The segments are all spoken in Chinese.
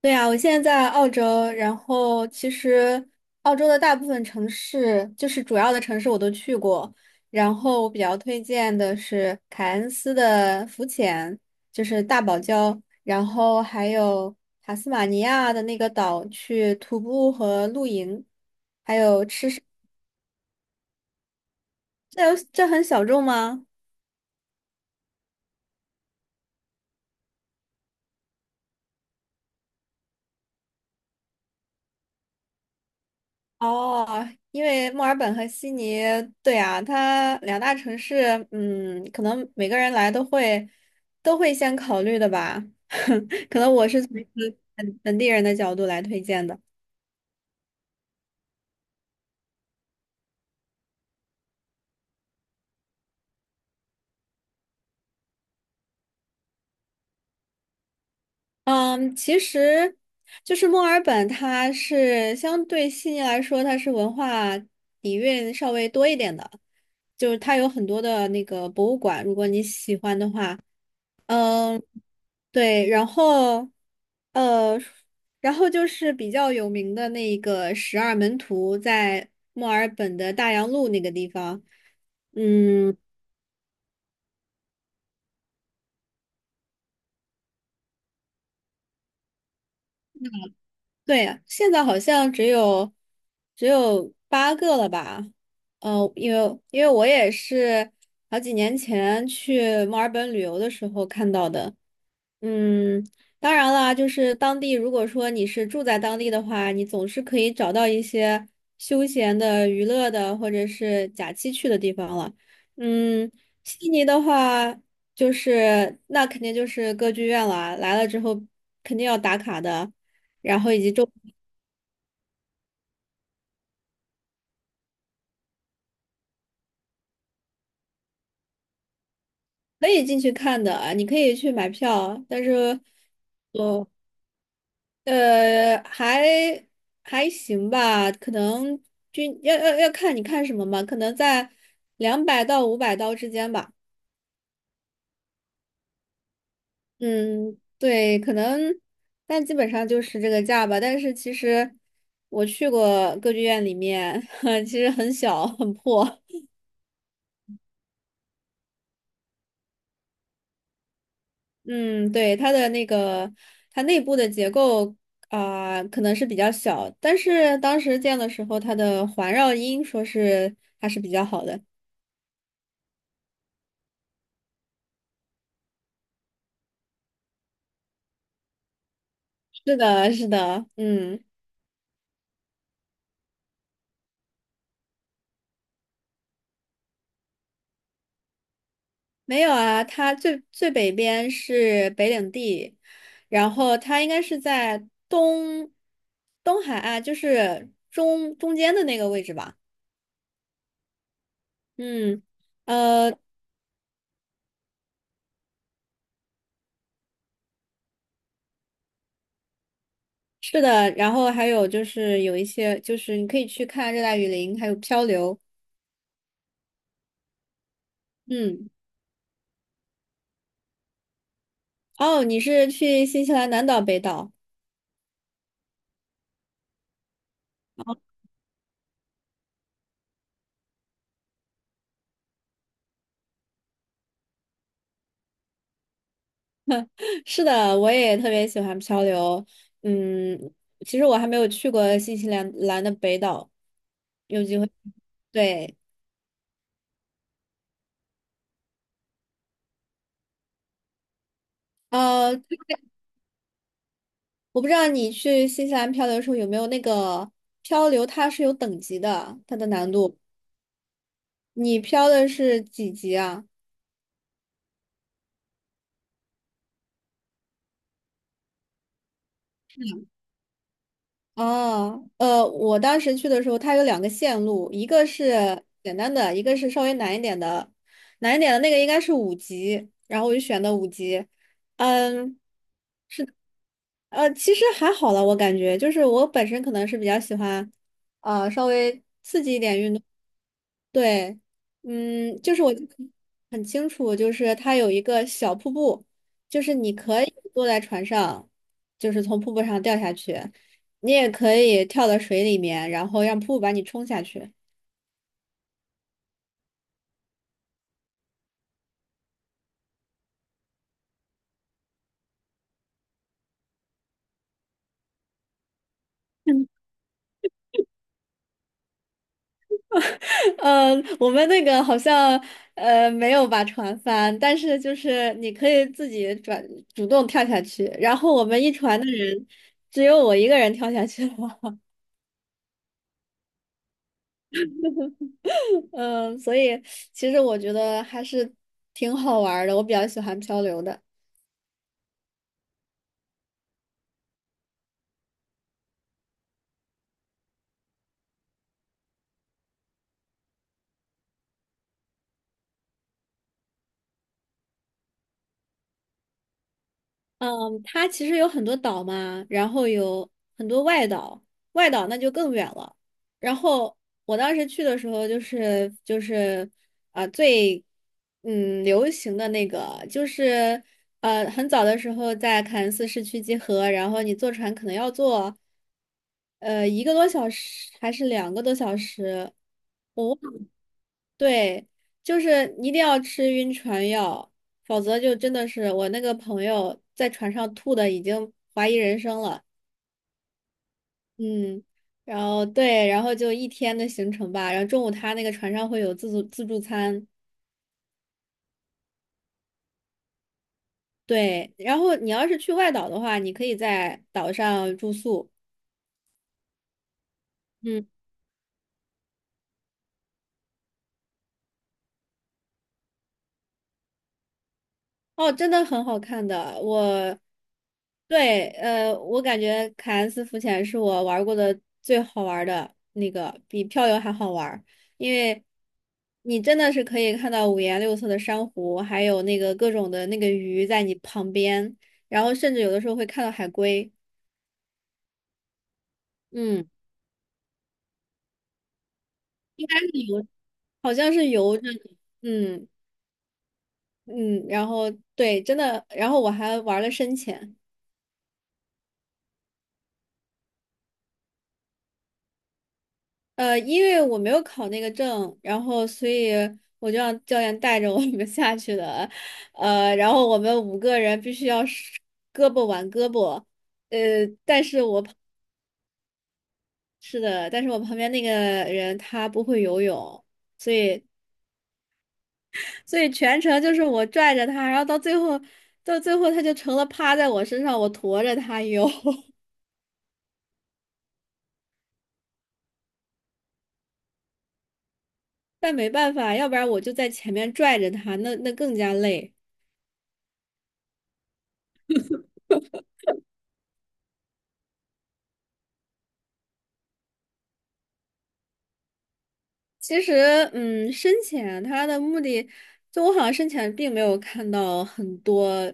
对呀，我现在在澳洲，然后其实澳洲的大部分城市，就是主要的城市我都去过。然后我比较推荐的是凯恩斯的浮潜，就是大堡礁，然后还有塔斯马尼亚的那个岛去徒步和露营，还有吃。这很小众吗？哦，因为墨尔本和悉尼，对啊，它两大城市，可能每个人来都会先考虑的吧。可能我是从一个本地人的角度来推荐的。嗯，其实就是墨尔本，它是相对悉尼来说，它是文化底蕴稍微多一点的，就是它有很多的那个博物馆，如果你喜欢的话。嗯，对，呃，然后就是比较有名的那个十二门徒，在墨尔本的大洋路那个地方。嗯。对呀，现在好像只有8个了吧？因为我也是好几年前去墨尔本旅游的时候看到的。嗯，当然啦，就是当地如果说你是住在当地的话，你总是可以找到一些休闲的、娱乐的或者是假期去的地方了。嗯，悉尼的话，就是那肯定就是歌剧院啦，来了之后肯定要打卡的。然后以及周。可以进去看的，你可以去买票，但是，我呃，还还行吧，可能均要要要看你看什么嘛，可能在200到500刀之间吧。嗯，对，可能，但基本上就是这个价吧。但是其实我去过歌剧院里面，其实很小很破。嗯，对，它的那个，它内部的结构啊、可能是比较小，但是当时建的时候，它的环绕音说是还是比较好的。是的，是的，嗯，没有啊，它最北边是北领地，然后它应该是在东海岸，就是中间的那个位置吧。嗯，呃，是的，然后还有就是有一些，就是你可以去看热带雨林，还有漂流。嗯。哦，你是去新西兰南岛、北岛？是的，我也特别喜欢漂流。嗯，其实我还没有去过新西兰的北岛，有机会。对，呃，我不知道你去新西兰漂流的时候有没有那个漂流，它是有等级的，它的难度。你漂的是几级啊？哦，我当时去的时候，它有两个线路，一个是简单的，一个是稍微难一点的。难一点的那个应该是五级，然后我就选的五级。嗯，其实还好了，我感觉就是我本身可能是比较喜欢，稍微刺激一点运动。对，就是我就很清楚，就是它有一个小瀑布，就是你可以坐在船上，就是从瀑布上掉下去，你也可以跳到水里面，然后让瀑布把你冲下去。呃，我们那个好像没有把船翻，但是就是你可以自己转主动跳下去，然后我们一船的人只有我一个人跳下去了。嗯，所以其实我觉得还是挺好玩儿的，我比较喜欢漂流的。嗯，它其实有很多岛嘛，然后有很多外岛，外岛那就更远了。然后我当时去的时候、就是啊、最流行的那个就是很早的时候在凯恩斯市区集合，然后你坐船可能要坐1个多小时还是2个多小时。对，就是一定要吃晕船药，否则就真的是我那个朋友在船上吐的已经怀疑人生了。嗯，然后对，然后就一天的行程吧，然后中午他那个船上会有自助餐。对，然后你要是去外岛的话，你可以在岛上住宿。嗯。哦，真的很好看的。对，我感觉凯恩斯浮潜是我玩过的最好玩的那个，比漂流还好玩，因为你真的是可以看到五颜六色的珊瑚，还有那个各种的那个鱼在你旁边，然后甚至有的时候会看到海龟。嗯，应该是游，好像是游着的。嗯嗯，然后对，真的，然后我还玩了深潜。因为我没有考那个证，然后所以我就让教练带着我们 下去的，然后我们五个人必须要是胳膊挽胳膊，呃，但是我旁是的，但是我旁边那个人他不会游泳，所以所以全程就是我拽着他，然后到最后他就成了趴在我身上，我驮着他游。但没办法，要不然我就在前面拽着他，那更加累。其实，深潜它的目的，就我好像深潜并没有看到很多，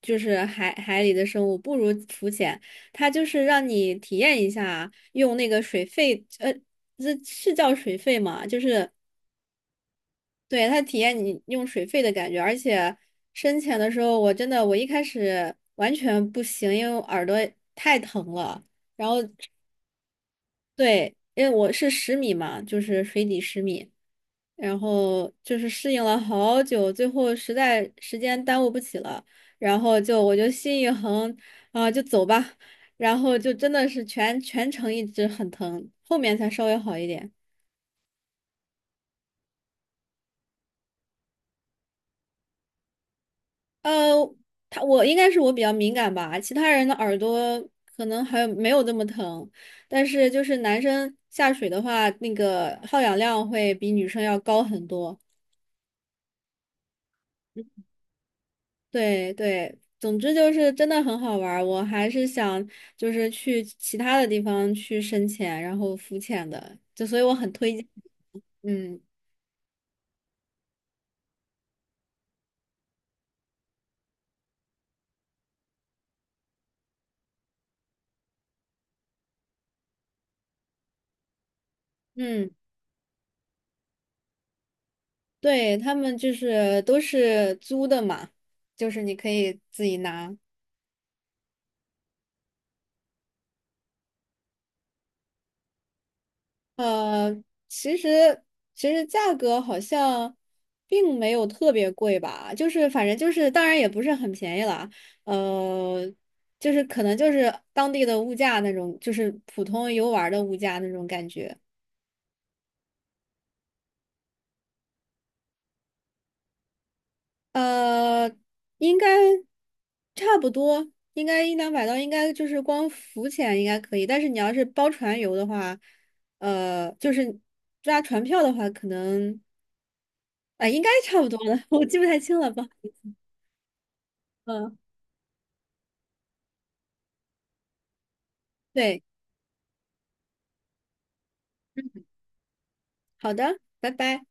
就是海里的生物，不如浮潜，它就是让你体验一下用那个水肺，这是叫水肺嘛？就是对它体验你用水肺的感觉，而且深潜的时候，我真的我一开始完全不行，因为我耳朵太疼了。然后对，因为我是十米嘛，就是水底十米。然后就是适应了好久，最后实在时间耽误不起了，然后我就心一横啊，就走吧，然后就真的是全程一直很疼，后面才稍微好一点。呃，我应该是我比较敏感吧，其他人的耳朵可能还没有这么疼，但是就是男生下水的话，那个耗氧量会比女生要高很多。对对，总之就是真的很好玩儿，我还是想就是去其他的地方去深潜，然后浮潜的，就所以我很推荐。嗯嗯，对，他们就是都是租的嘛，就是你可以自己拿。呃，其实其实价格好像并没有特别贵吧，就是反正就是，当然也不是很便宜了，呃，就是可能就是当地的物价那种，就是普通游玩儿的物价那种感觉，呃，应该差不多，应该一两百刀，应该就是光浮潜应该可以，但是你要是包船游的话，就是抓船票的话，可能啊、应该差不多了，我记不太清了吧。嗯，对，嗯，好的，拜拜。